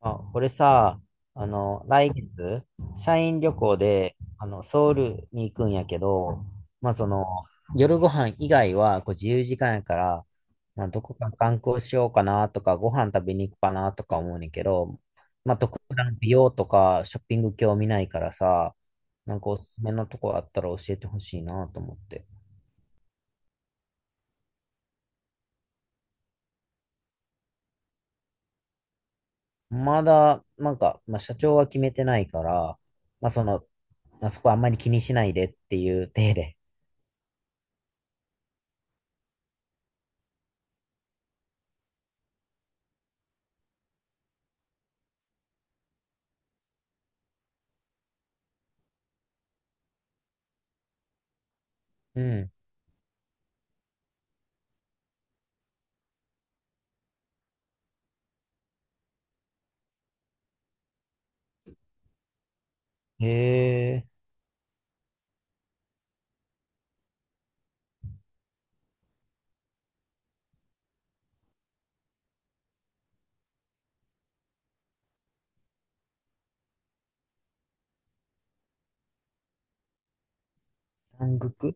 あ、俺さ、来月、社員旅行で、ソウルに行くんやけど、まあ、その、夜ご飯以外は、こう、自由時間やから、まあ、どこか観光しようかなとか、ご飯食べに行くかなとか思うねんけど、まあ、特段美容とかショッピング興味ないからさ、なんかおすすめのとこあったら教えてほしいなと思って。まだ、なんか、まあ、社長は決めてないから、まあ、その、まあ、そこはあんまり気にしないでっていう体で。うん。へえ、南国。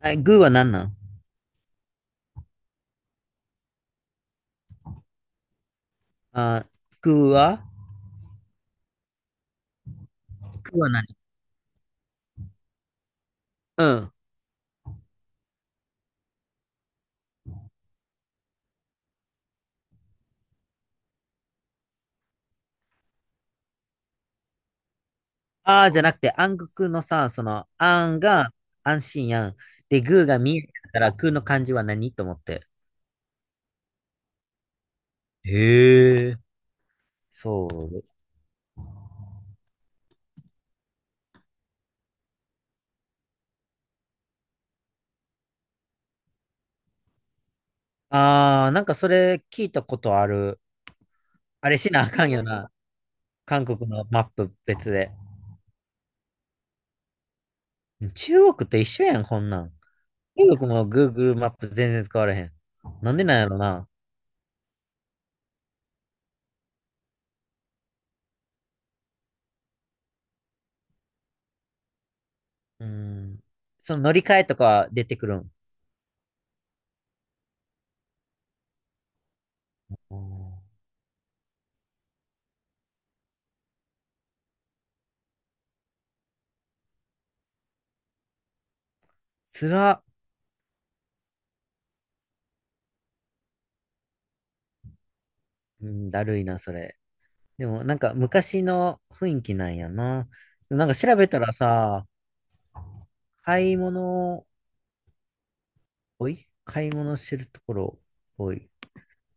あ、グーは何なん。あ、グーはグーは何。うん。あーじゃなくて、暗黒のさ、その、あんが安心やん。で、グーが見えたから、グーの漢字は何と思って。へえ。そう。ああ、なんかそれ聞いたことある。あれしなあかんよな。韓国のマップ別で。中国と一緒やん、こんなん。中国も Google マップ全然使われへん。なんでなんやろな。うん。その乗り換えとかは出てくるん。おー、つら。うん、だるいな、それ。でも、なんか昔の雰囲気なんやな。でもなんか調べたらさ、買い物、おい買い物してるところ、おい。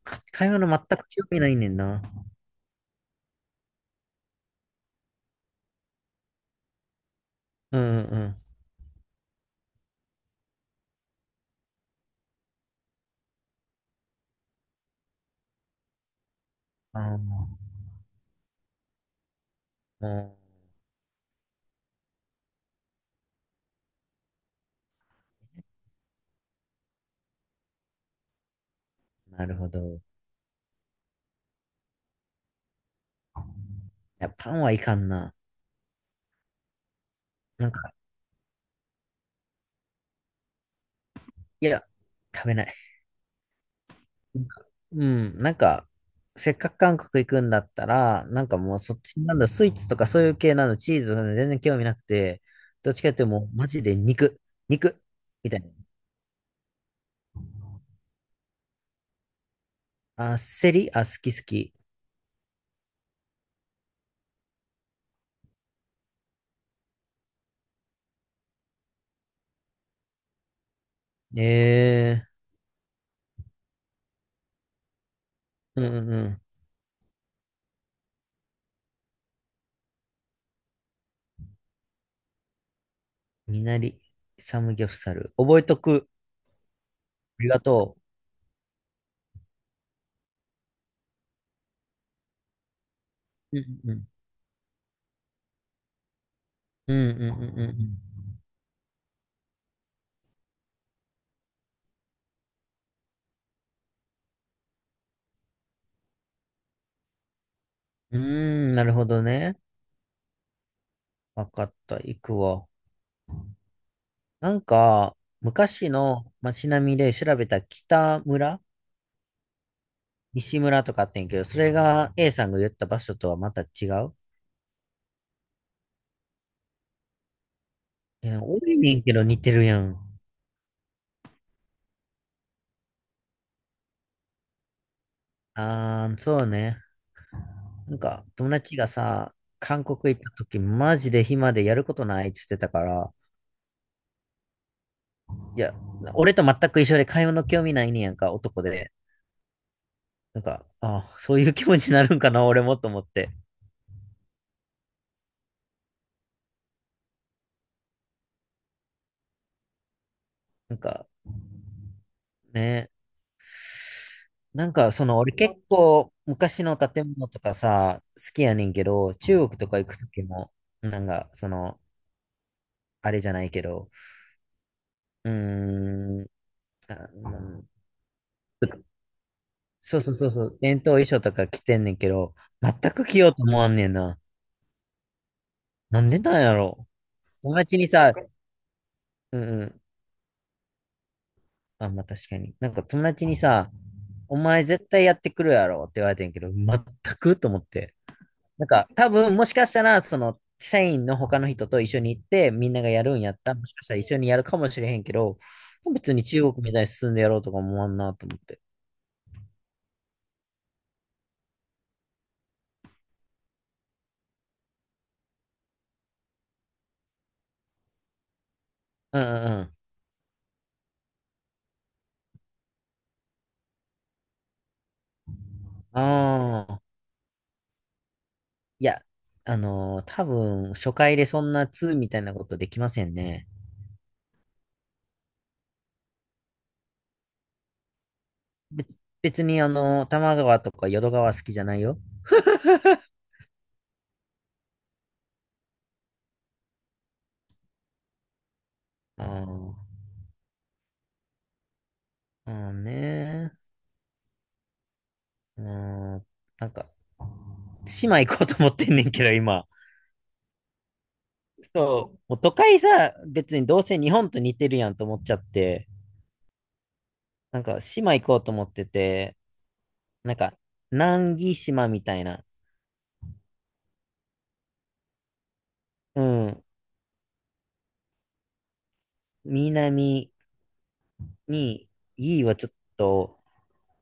買い物全く興味ないねんな。うんうんうん。ああ、うん、なるほど。いや、パンはいかんな。なんか、いや、食べない。なんか、うん、なんか、せっかく韓国行くんだったら、なんかもうそっちなんだ、スイーツとかそういう系なの、チーズ、全然興味なくて、どっちかっていうともうマジで肉、肉、みたいな。あ、セリ、あ、好き好き。ええ。うんうんうん。みなり、サムギョプサル。覚えとく。ありがとう。うんうんうん。うんうんうんうん。うーん、なるほどね。わかった。行くわ。なんか、昔の街並みで調べた北村、西村とかあってんけど、それが A さんが言った場所とはまた違う。え、多いねんけど似てるやん。あー、そうね。なんか、友達がさ、韓国行った時、マジで暇でやることないって言ってたから、いや、俺と全く一緒で買い物興味ないねんやんか、男で。なんか、あ、そういう気持ちになるんかな、俺もと思って。なんか、ね。なんか、その、俺結構、昔の建物とかさ、好きやねんけど、中国とか行く時も、なんか、その、あれじゃないけど、うーん。あ、うん、そうそうそうそう。伝統衣装とか着てんねんけど、全く着ようと思わんねんな。なんでなんやろ。友達にさ、うんうん。あ、まあ確かに。なんか友達にさ、お前絶対やってくるやろって言われてんけど、全くと思って。なんか多分もしかしたら、その、社員の他の人と一緒に行って、みんながやるんやったら、もしかしたら一緒にやるかもしれへんけど、別に中国みたいに進んでやろうとか思わんなと思って。うんうんうん。ああ。いや、多分、初回でそんな2みたいなことできませんね。べ別に、多摩川とか淀川好きじゃないよ。あー、まあーねー。うーん、なんか、島行こうと思ってんねんけど、今。そう、もう都会さ、別にどうせ日本と似てるやんと思っちゃって、なんか、島行こうと思ってて、なんか、南紀島みたいな、うん、南に、いいはちょっと、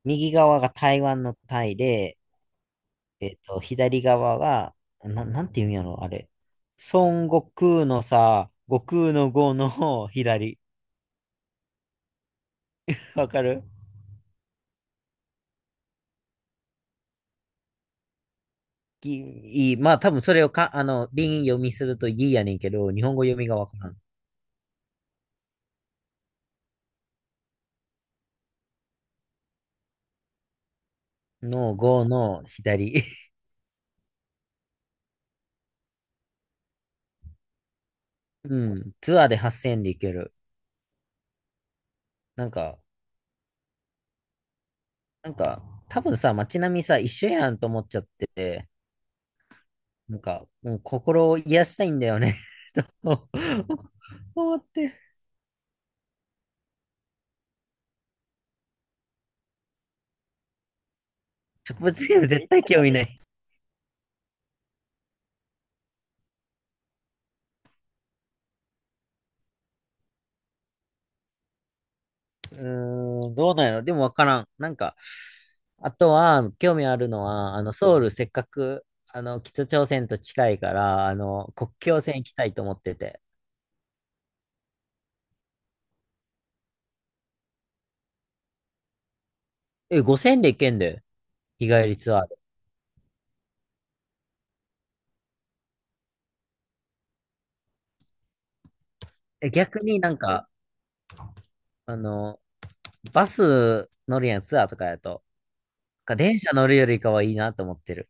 右側が台湾のタイで、左側が、なんていうんやろ、あれ。孫悟空のさ、悟空の悟の左。わかる。ぎ、いい。まあ、多分それを、か、輪読みするといいやねんけど、日本語読みがわからん。の悟の左。うん。ツアーで8,000でいける。なんか、なんか、多分さ、街並みさ、一緒やんと思っちゃってて、なんか、もう心を癒したいんだよね と思って。植物園絶対興味ない。うーん、どうなんやろ。でもわからん。なんか、あとは、興味あるのは、ソウル、せっかく、北朝鮮と近いから、国境線行きたいと思ってて。え、5,000で行けんで、日帰りツアーで。え、逆になんか、あの、バス乗るやん、ツアーとかやと。なんか電車乗るよりかはいいなと思ってる。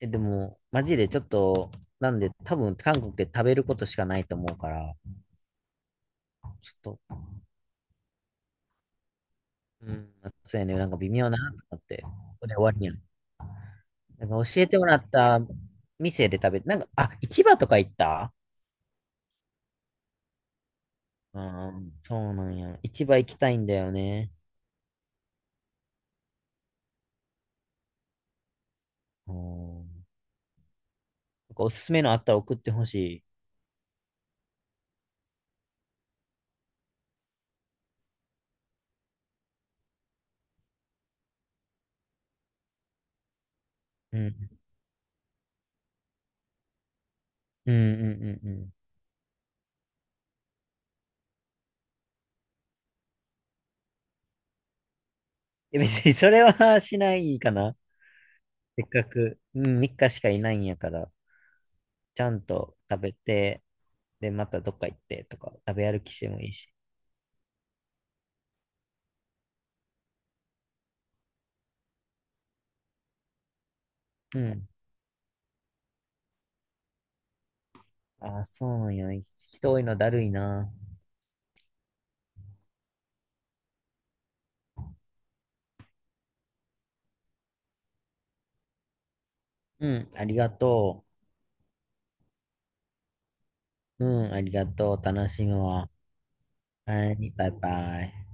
え、でも、マジでちょっと、なんで、多分、韓国で食べることしかないと思うから、ちょっと、うん、そうやね、なんか微妙だなと思って、ここで終わりやん。なんか教えてもらった店で食べて、なんか、あ、市場とか行った。うん、そうなんや。市場行きたいんだよね。うん。なんかおすすめのあったら送ってほしい。うん。うんうんうんうん。え、別にそれは しないかな。せっかく、うん、3日しかいないんやから、ちゃんと食べて、で、またどっか行ってとか、食べ歩きしてもいいし。うん。ああ、そうなんや。人多いのだるいな。うん、ありがとう。うん、ありがとう。楽しむわ。はい、バイバイ。